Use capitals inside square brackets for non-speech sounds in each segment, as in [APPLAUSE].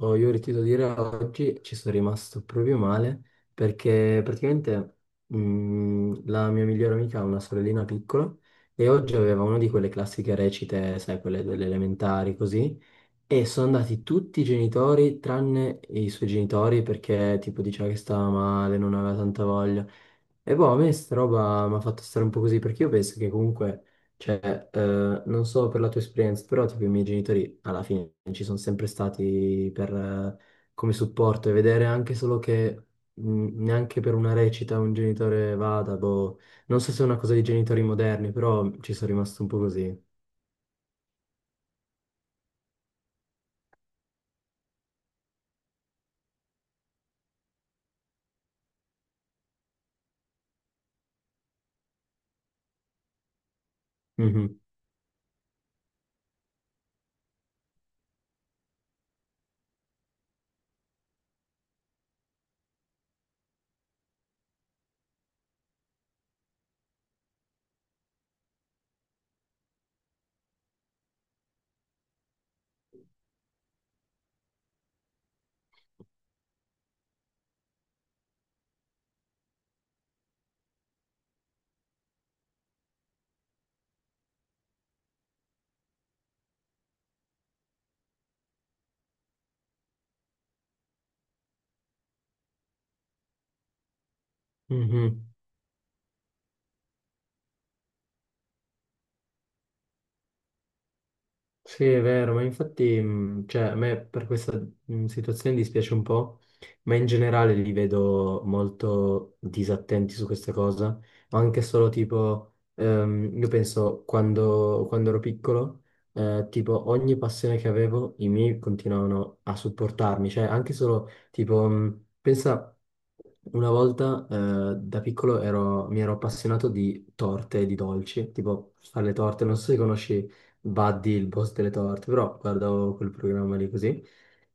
Oh, io ti devo dire, oggi ci sono rimasto proprio male perché praticamente la mia migliore amica ha una sorellina piccola e oggi aveva una di quelle classiche recite, sai, quelle delle elementari così, e sono andati tutti i genitori tranne i suoi genitori perché tipo diceva che stava male, non aveva tanta voglia. E boh, a me sta roba mi ha fatto stare un po' così, perché io penso che comunque, cioè, non so per la tua esperienza, però tipo i miei genitori alla fine ci sono sempre stati per, come supporto e vedere anche solo che neanche per una recita un genitore vada, boh, non so se è una cosa dei genitori moderni, però ci sono rimasto un po' così. Mhm, mhm. Sì, è vero, ma infatti, cioè, a me per questa situazione dispiace un po', ma in generale li vedo molto disattenti su questa cosa, anche solo tipo, io penso quando, ero piccolo, tipo ogni passione che avevo, i miei continuavano a supportarmi, cioè anche solo tipo, pensa... Una volta da piccolo mi ero appassionato di torte e di dolci, tipo fare le torte, non so se conosci Buddy, il boss delle torte, però guardavo quel programma lì così.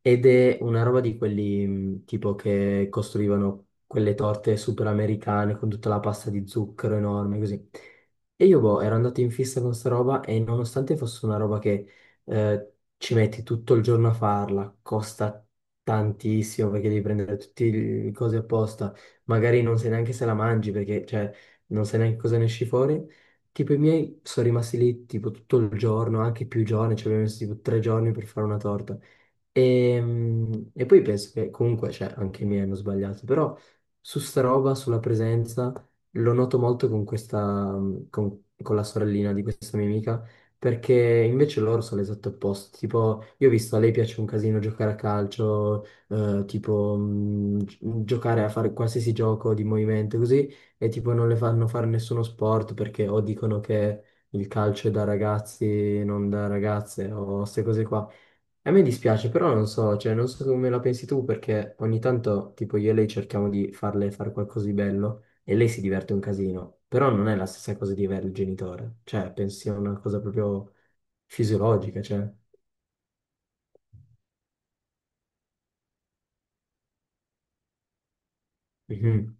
Ed è una roba di quelli tipo che costruivano quelle torte super americane con tutta la pasta di zucchero enorme, così. E io, boh, ero andato in fissa con sta roba e nonostante fosse una roba che ci metti tutto il giorno a farla, costa tantissimo perché devi prendere tutte le cose apposta, magari non sai neanche se la mangi perché, cioè, non sai neanche cosa ne esci fuori. Tipo i miei sono rimasti lì tipo tutto il giorno, anche più giorni, ci abbiamo messo tipo 3 giorni per fare una torta. E poi penso che comunque, cioè, anche i miei hanno sbagliato, però su sta roba, sulla presenza, lo noto molto con questa, con, la sorellina di questa mia amica, perché invece loro sono l'esatto opposto. Tipo, io ho visto a lei piace un casino giocare a calcio, tipo, giocare a fare qualsiasi gioco di movimento, così, e tipo non le fanno fare nessuno sport perché o dicono che il calcio è da ragazzi, non da ragazze, o queste cose qua. A me dispiace, però non so, cioè, non so come la pensi tu, perché ogni tanto, tipo, io e lei cerchiamo di farle fare qualcosa di bello e lei si diverte un casino, però non è la stessa cosa di avere il genitore, cioè, penso sia una cosa proprio fisiologica, cioè. Mhm,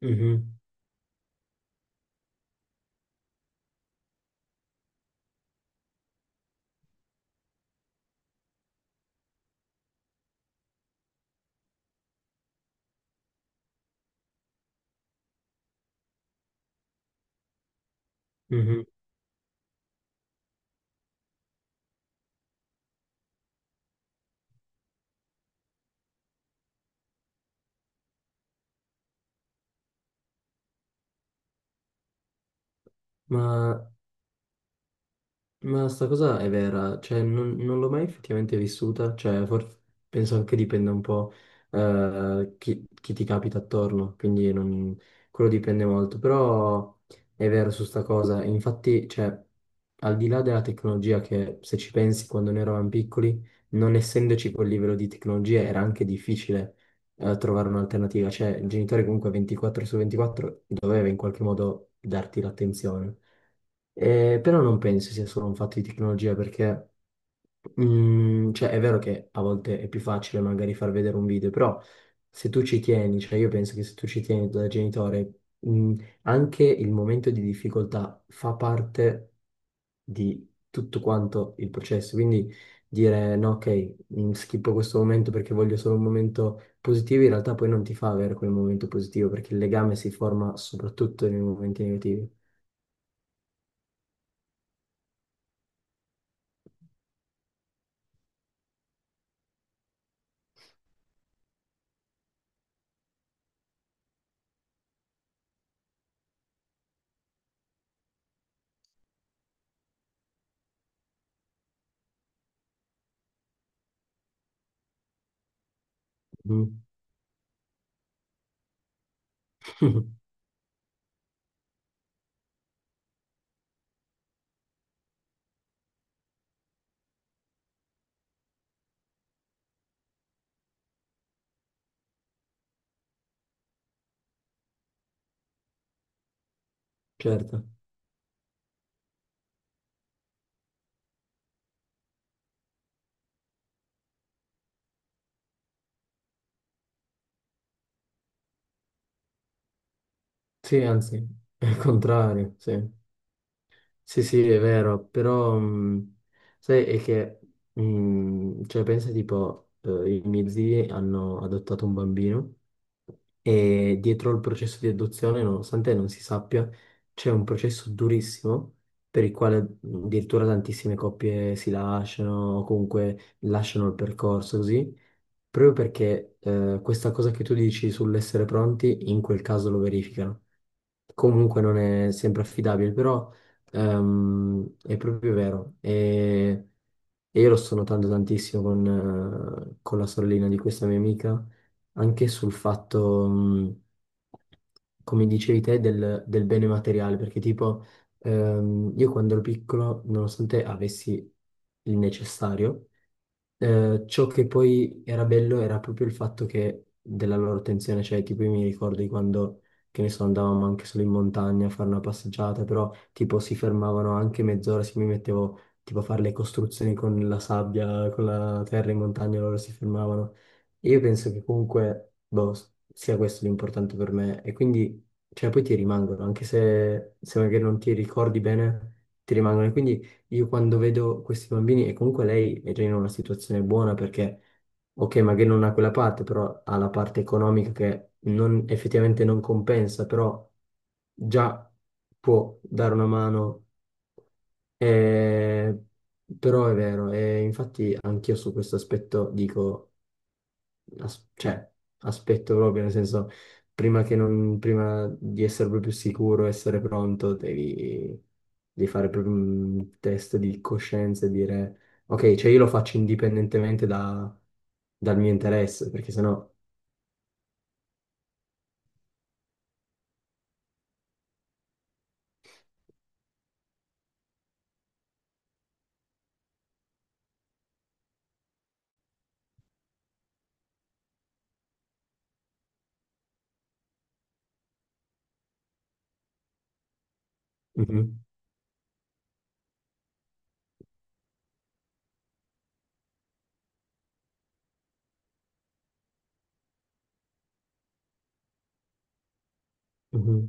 mhm, mhm. Ma Ma sta cosa è vera, cioè non, l'ho mai effettivamente vissuta, cioè forse penso anche dipenda un po' chi, ti capita attorno, quindi quello dipende molto, però è vero su sta cosa, infatti cioè, al di là della tecnologia che se ci pensi quando noi eravamo piccoli, non essendoci quel livello di tecnologia era anche difficile trovare un'alternativa, cioè il genitore comunque 24 su 24 doveva in qualche modo darti l'attenzione. Però non penso sia solo un fatto di tecnologia perché, cioè, è vero che a volte è più facile magari far vedere un video, però se tu ci tieni, cioè io penso che se tu ci tieni da genitore, mm, anche il momento di difficoltà fa parte di tutto quanto il processo. Quindi dire no, ok, schippo questo momento perché voglio solo un momento positivo, in realtà poi non ti fa avere quel momento positivo perché il legame si forma soprattutto nei momenti negativi. Mm. [LAUGHS] Certo. Sì, anzi, è il contrario, sì. Sì, sì, è vero, però sai, è che, cioè, pensa tipo, i miei zii hanno adottato un bambino e dietro il processo di adozione, nonostante non si sappia, c'è un processo durissimo per il quale addirittura tantissime coppie si lasciano o comunque lasciano il percorso così. Proprio perché questa cosa che tu dici sull'essere pronti, in quel caso lo verificano. Comunque non è sempre affidabile, però è proprio vero. E io lo sto notando tantissimo con, la sorellina di questa mia amica, anche sul fatto, come dicevi te, del, bene materiale, perché tipo io quando ero piccolo, nonostante avessi il necessario, ciò che poi era bello era proprio il fatto che della loro tensione, cioè tipo io mi ricordo di quando, che ne so, andavamo anche solo in montagna a fare una passeggiata, però tipo si fermavano anche mezz'ora, se mi mettevo tipo a fare le costruzioni con la sabbia, con la terra in montagna, loro si fermavano. E io penso che comunque, boh, sia questo l'importante per me e quindi, cioè poi ti rimangono, anche se, magari non ti ricordi bene, ti rimangono. E quindi io quando vedo questi bambini, e comunque lei è già in una situazione buona perché, ok, magari non ha quella parte, però ha la parte economica che effettivamente non compensa, però già può dare una mano, eh, però è vero, e infatti anch'io su questo aspetto dico cioè, aspetto proprio, nel senso, prima che non, prima di essere proprio sicuro, essere pronto, devi, fare proprio un test di coscienza e dire, ok, cioè io lo faccio indipendentemente dal mio interesse, perché sennò... Mhm, mhm.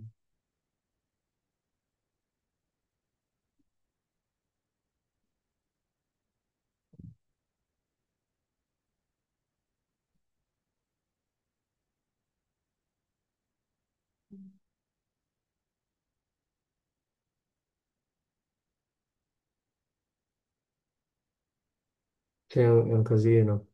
Cioè, è un casino.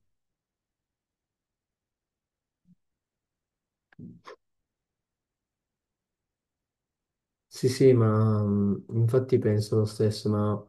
Sì, sì, ma infatti penso lo stesso, ma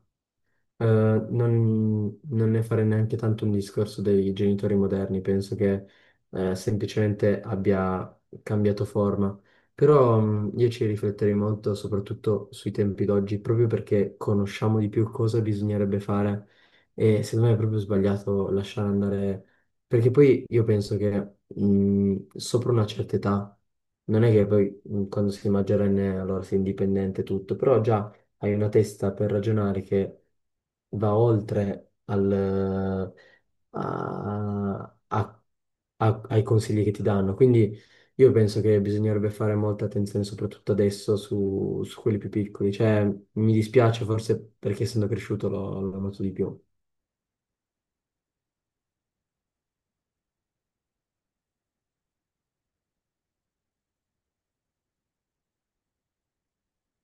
Non, ne farei neanche tanto un discorso dei genitori moderni, penso che semplicemente abbia cambiato forma. Però io ci rifletterei molto, soprattutto sui tempi d'oggi, proprio perché conosciamo di più cosa bisognerebbe fare e secondo me è proprio sbagliato lasciare andare, perché poi io penso che sopra una certa età, non è che poi quando sei maggiorenne allora sei indipendente e tutto, però già hai una testa per ragionare che va oltre al, a- a- ai consigli che ti danno. Quindi io penso che bisognerebbe fare molta attenzione, soprattutto adesso, su, quelli più piccoli. Cioè, mi dispiace forse perché essendo cresciuto l'ho noto di più.